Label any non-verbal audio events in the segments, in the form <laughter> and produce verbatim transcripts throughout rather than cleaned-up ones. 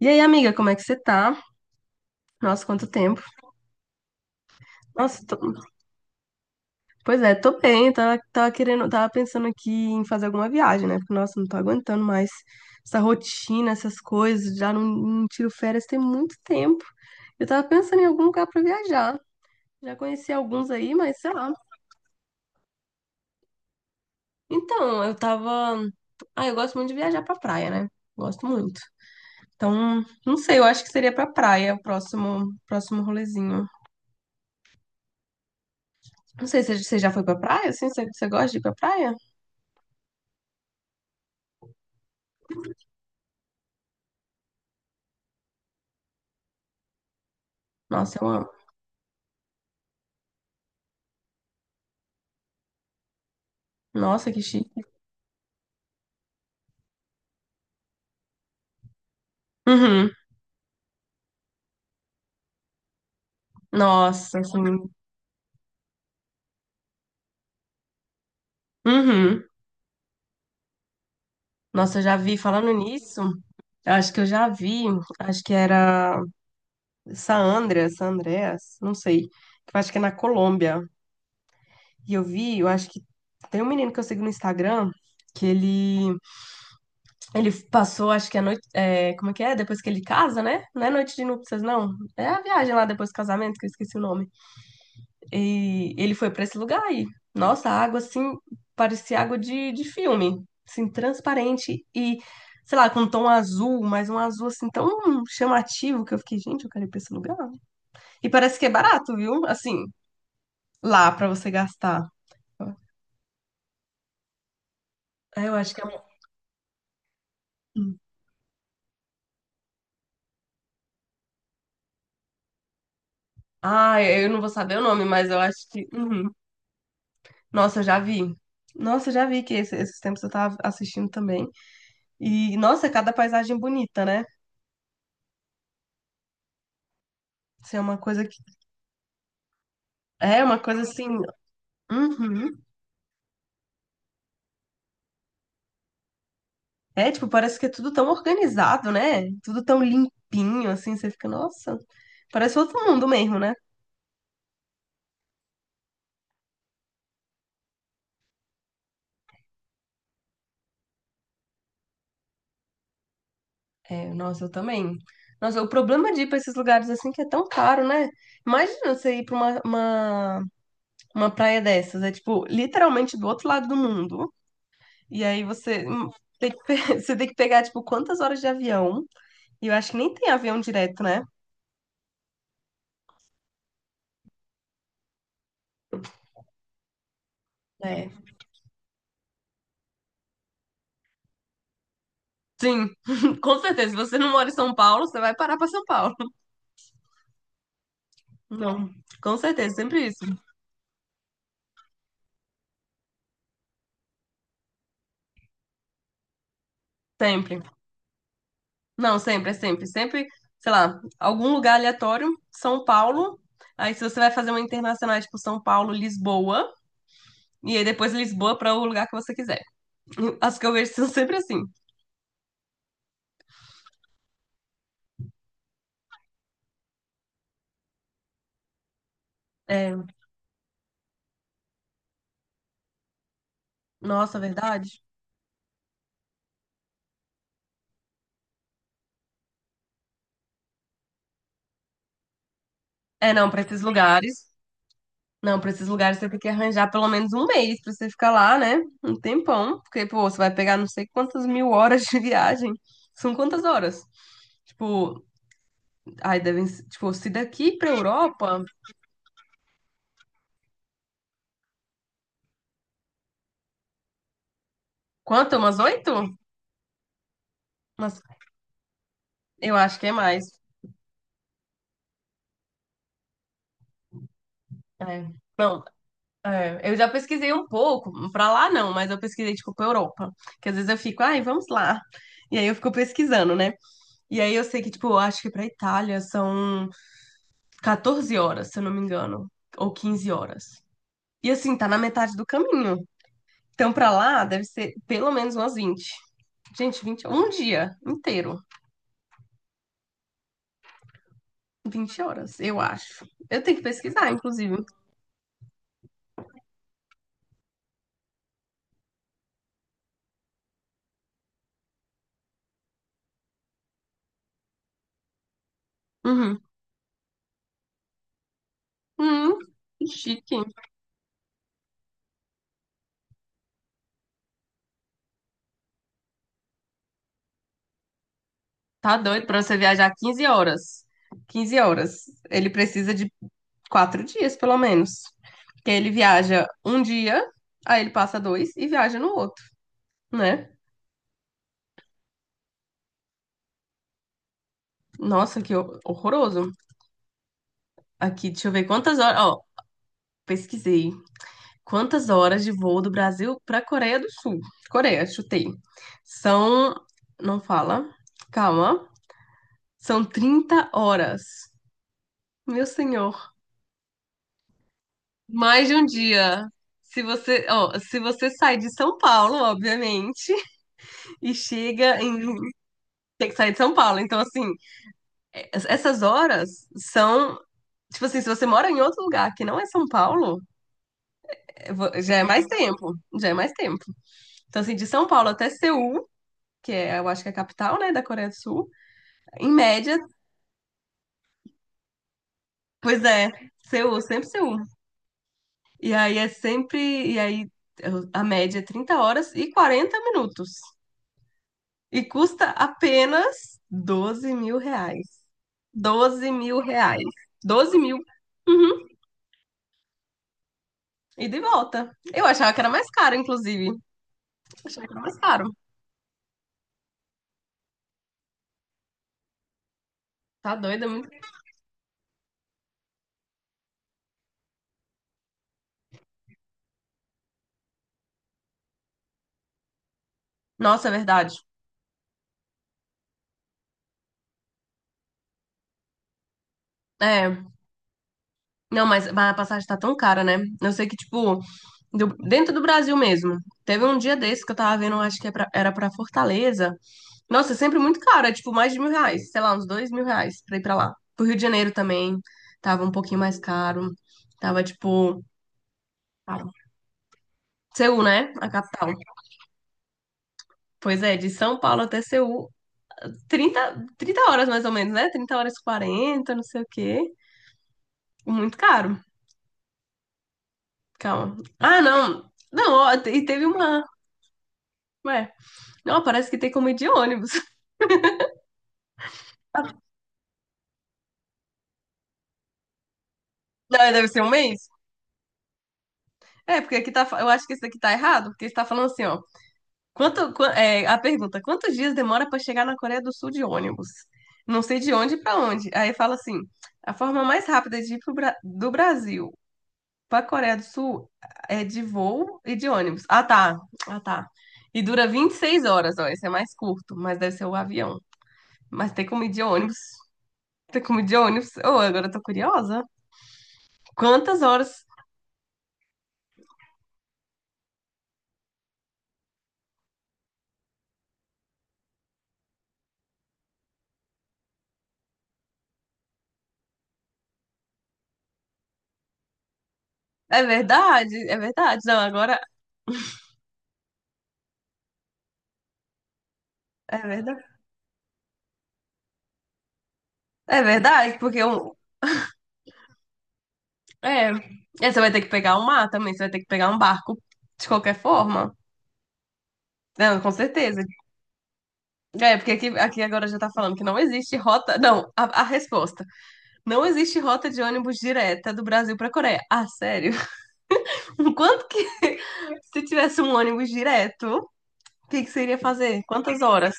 E aí, amiga, como é que você tá? Nossa, quanto tempo. Nossa, tô- pois é, tô bem. Tava, tava querendo, tava pensando aqui em fazer alguma viagem, né? Porque, nossa, não tô aguentando mais essa rotina, essas coisas. Já não, não tiro férias tem muito tempo. Eu tava pensando em algum lugar pra viajar. Já conheci alguns aí, mas sei lá. Então, eu tava. Ah, eu gosto muito de viajar pra praia, né? Gosto muito. Então, não sei, eu acho que seria pra praia o próximo, próximo rolezinho. Não sei se você já foi pra praia, assim? Você, você gosta de ir pra praia? Nossa, eu amo. Nossa, que chique. Uhum. Nossa, assim. Uhum. Nossa, eu já vi, falando nisso, eu acho que eu já vi, acho que era Saandra, Sandreas, não sei, que eu acho que é na Colômbia. E eu vi, eu acho que tem um menino que eu sigo no Instagram, que ele, ele passou, acho que a noite, é, como é que é? Depois que ele casa, né? Não é noite de núpcias, não. É a viagem lá depois do casamento, que eu esqueci o nome. E ele foi pra esse lugar e, nossa, a água assim parecia água de, de filme, assim, transparente e, sei lá, com um tom azul, mas um azul assim tão chamativo que eu fiquei, gente, eu quero ir pra esse lugar. E parece que é barato, viu? Assim, lá pra você gastar. É, eu acho que é. um- Ah, eu não vou saber o nome, mas eu acho que. Uhum. Nossa, eu já vi. Nossa, eu já vi que esse- esses tempos eu tava assistindo também. E, nossa, cada paisagem bonita, né? Isso é uma coisa que. É uma coisa assim. Uhum. É, tipo, parece que é tudo tão organizado, né? Tudo tão limpinho, assim, você fica, nossa, parece outro mundo mesmo, né? É, nossa, eu também. Nossa, o problema de ir pra esses lugares assim que é tão caro, né? Imagina você ir pra uma, uma, uma praia dessas, é tipo, literalmente do outro lado do mundo. E aí você hum, tem que, pe- <laughs> você tem que pegar, tipo, quantas horas de avião? E eu acho que nem tem avião direto, né? É. Sim, <laughs> com certeza. Se você não mora em São Paulo, você vai parar pra São Paulo. Não, com certeza, sempre isso. Sempre. Não, sempre, é sempre, sempre, sei lá, algum lugar aleatório, São Paulo. Aí se você vai fazer uma internacional, é tipo São Paulo, Lisboa, e aí depois Lisboa para o lugar que você quiser. <laughs> As que eu vejo são sempre assim. É, nossa, verdade? É, não, para esses lugares. Não, para esses lugares você tem que arranjar pelo menos um mês para você ficar lá, né? Um tempão, porque pô, você vai pegar não sei quantas mil horas de viagem. São quantas horas? Tipo, ai, devem, ser- tipo, se daqui para Europa, quanto? Umas oito? Umas Eu acho que é mais. É. Não, é, eu já pesquisei um pouco, pra lá não, mas eu pesquisei tipo pra Europa, que às vezes eu fico, ai, vamos lá. E aí eu fico pesquisando, né? E aí eu sei que tipo, eu acho que pra Itália são quatorze horas, se eu não me engano, ou quinze horas. E assim, tá na metade do caminho. Então pra lá deve ser pelo menos umas vinte. Gente, vinte, um dia inteiro, vinte horas, eu acho. Eu tenho que pesquisar, inclusive. Uhum. Hum, que chique. Tá doido pra você viajar quinze horas. Quinze horas. Ele precisa de quatro dias, pelo menos. Porque ele viaja um dia, aí ele passa dois e viaja no outro, né? Nossa, que hor- horroroso. Aqui, deixa eu ver quantas horas. Ó, pesquisei. Quantas horas de voo do Brasil pra Coreia do Sul? Coreia, chutei. São. Não fala. Calma. São trinta horas. Meu senhor. Mais de um dia. Se você, ó, se você sai de São Paulo, obviamente, <laughs> e chega em. Tem que sair de São Paulo. Então, assim, es- essas horas são. Tipo assim, se você mora em outro lugar que não é São Paulo, é vo- já é mais tempo. Já é mais tempo. Então, assim, de São Paulo até Seul, que é, eu acho que é a capital, né, da Coreia do Sul, em média, pois é, Seul, sempre Seul. E aí é sempre. E aí eu- a média é trinta horas e quarenta minutos. E custa apenas doze mil reais. Doze mil reais. Doze mil. Uhum. E de volta. Eu achava que era mais caro, inclusive. Achava que era mais caro. Tá doida, é muito. Nossa, é verdade. É. Não, mas mas a passagem tá tão cara, né? Eu sei que, tipo, do- dentro do Brasil mesmo. Teve um dia desse que eu tava vendo, acho que é pra- era pra Fortaleza. Nossa, é sempre muito caro, é tipo mais de mil reais. Sei lá, uns dois mil reais pra ir pra lá. Pro Rio de Janeiro também. Tava um pouquinho mais caro. Tava, tipo. Paulo. Seul, né? A capital. Pois é, de São Paulo até Seul, trinta, trinta horas mais ou menos, né? trinta horas e quarenta, não sei o quê. Muito caro. Calma. Ah, não. Não, ó, e teve uma. Ué, não, parece que tem como ir de ônibus. <laughs> Não, deve ser um mês? É, porque aqui tá. fa- Eu acho que isso aqui tá errado, porque está falando assim, ó. Quanto, qua- é, a pergunta: quantos dias demora para chegar na Coreia do Sul de ônibus? Não sei de onde para onde. Aí fala assim: a forma mais rápida de ir pro Bra- do Brasil pra Coreia do Sul é de voo e de ônibus. Ah, tá. Ah, tá. E dura vinte e seis horas, ó. Esse é mais curto, mas deve ser o avião. Mas tem como ir de ônibus. Tem como ir de ônibus. Oh, agora eu tô curiosa. Quantas horas? É verdade, é verdade. Não, agora é verdade. É verdade, porque um. É. É, você vai ter que pegar um mar também, você vai ter que pegar um barco de qualquer forma. Não, com certeza. É, porque aqui, aqui agora já tá falando que não existe rota. Não, a, a resposta. Não existe rota de ônibus direta do Brasil pra Coreia. Ah, sério? <laughs> Quanto que. Se tivesse um ônibus direto, o que que você iria fazer? Quantas horas?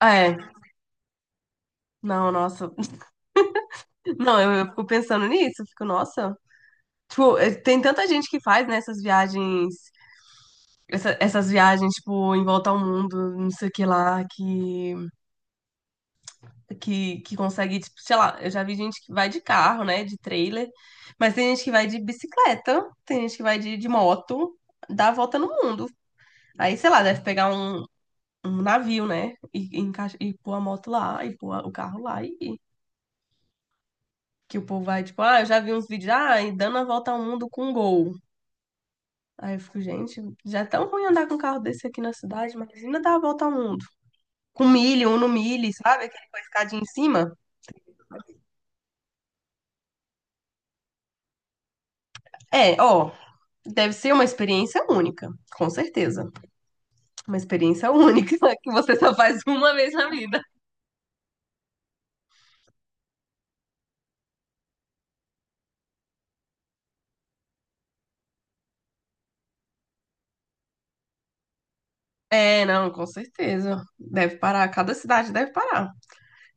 Ah, é, não, nossa. Não, eu, eu fico pensando nisso. Eu fico, nossa. Tipo, eh, tem tanta gente que faz, né, essas viagens. essa- essas viagens, tipo, em volta ao mundo, não sei o que lá, que que, que consegue, tipo, sei lá, eu já vi gente que vai de carro, né, de trailer, mas tem gente que vai de bicicleta, tem gente que vai de, de moto, dá a volta no mundo. Aí, sei lá, deve pegar um, um navio, né, e, e, encaixa- e pôr a moto lá, e pôr o carro lá, e e que o povo vai, tipo, ah, eu já vi uns vídeos, ah, e dando a volta ao mundo com Gol. Aí eu fico, gente, já é tão ruim andar com um carro desse aqui na cidade, mas ainda dá a volta ao mundo. Com milho, um no milho, sabe? Aquele com a escadinha em cima. É, ó, deve ser uma experiência única, com certeza. Uma experiência única <laughs> que você só faz uma vez na vida. É, não, com certeza. Deve parar, cada cidade deve parar.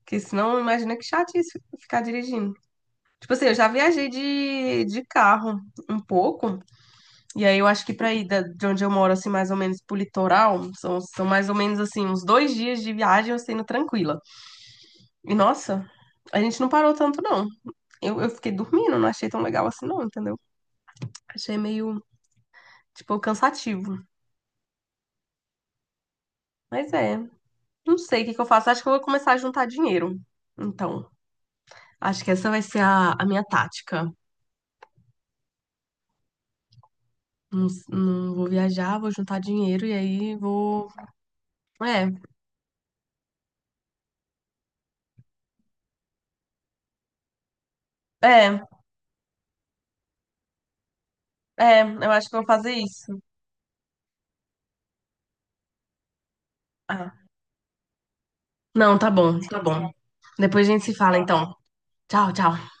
Porque senão, imagina que chatice ficar dirigindo. Tipo assim, eu já viajei de, de carro um pouco, e aí eu acho que pra ir da- de onde eu moro, assim, mais ou menos pro litoral, são, são mais ou menos, assim, uns dois dias de viagem eu sendo tranquila. E nossa, a gente não parou tanto, não. Eu, eu fiquei dormindo, não achei tão legal assim, não, entendeu? Achei meio tipo, cansativo. Mas é, não sei o que que eu faço. Acho que eu vou começar a juntar dinheiro. Então, acho que essa vai ser a, a minha tática. Não, s- não vou viajar, vou juntar dinheiro e aí vou. É, é, é, eu acho que eu vou fazer isso. Ah, não, tá bom, tá bom. Depois a gente se fala, então. Tchau, tchau.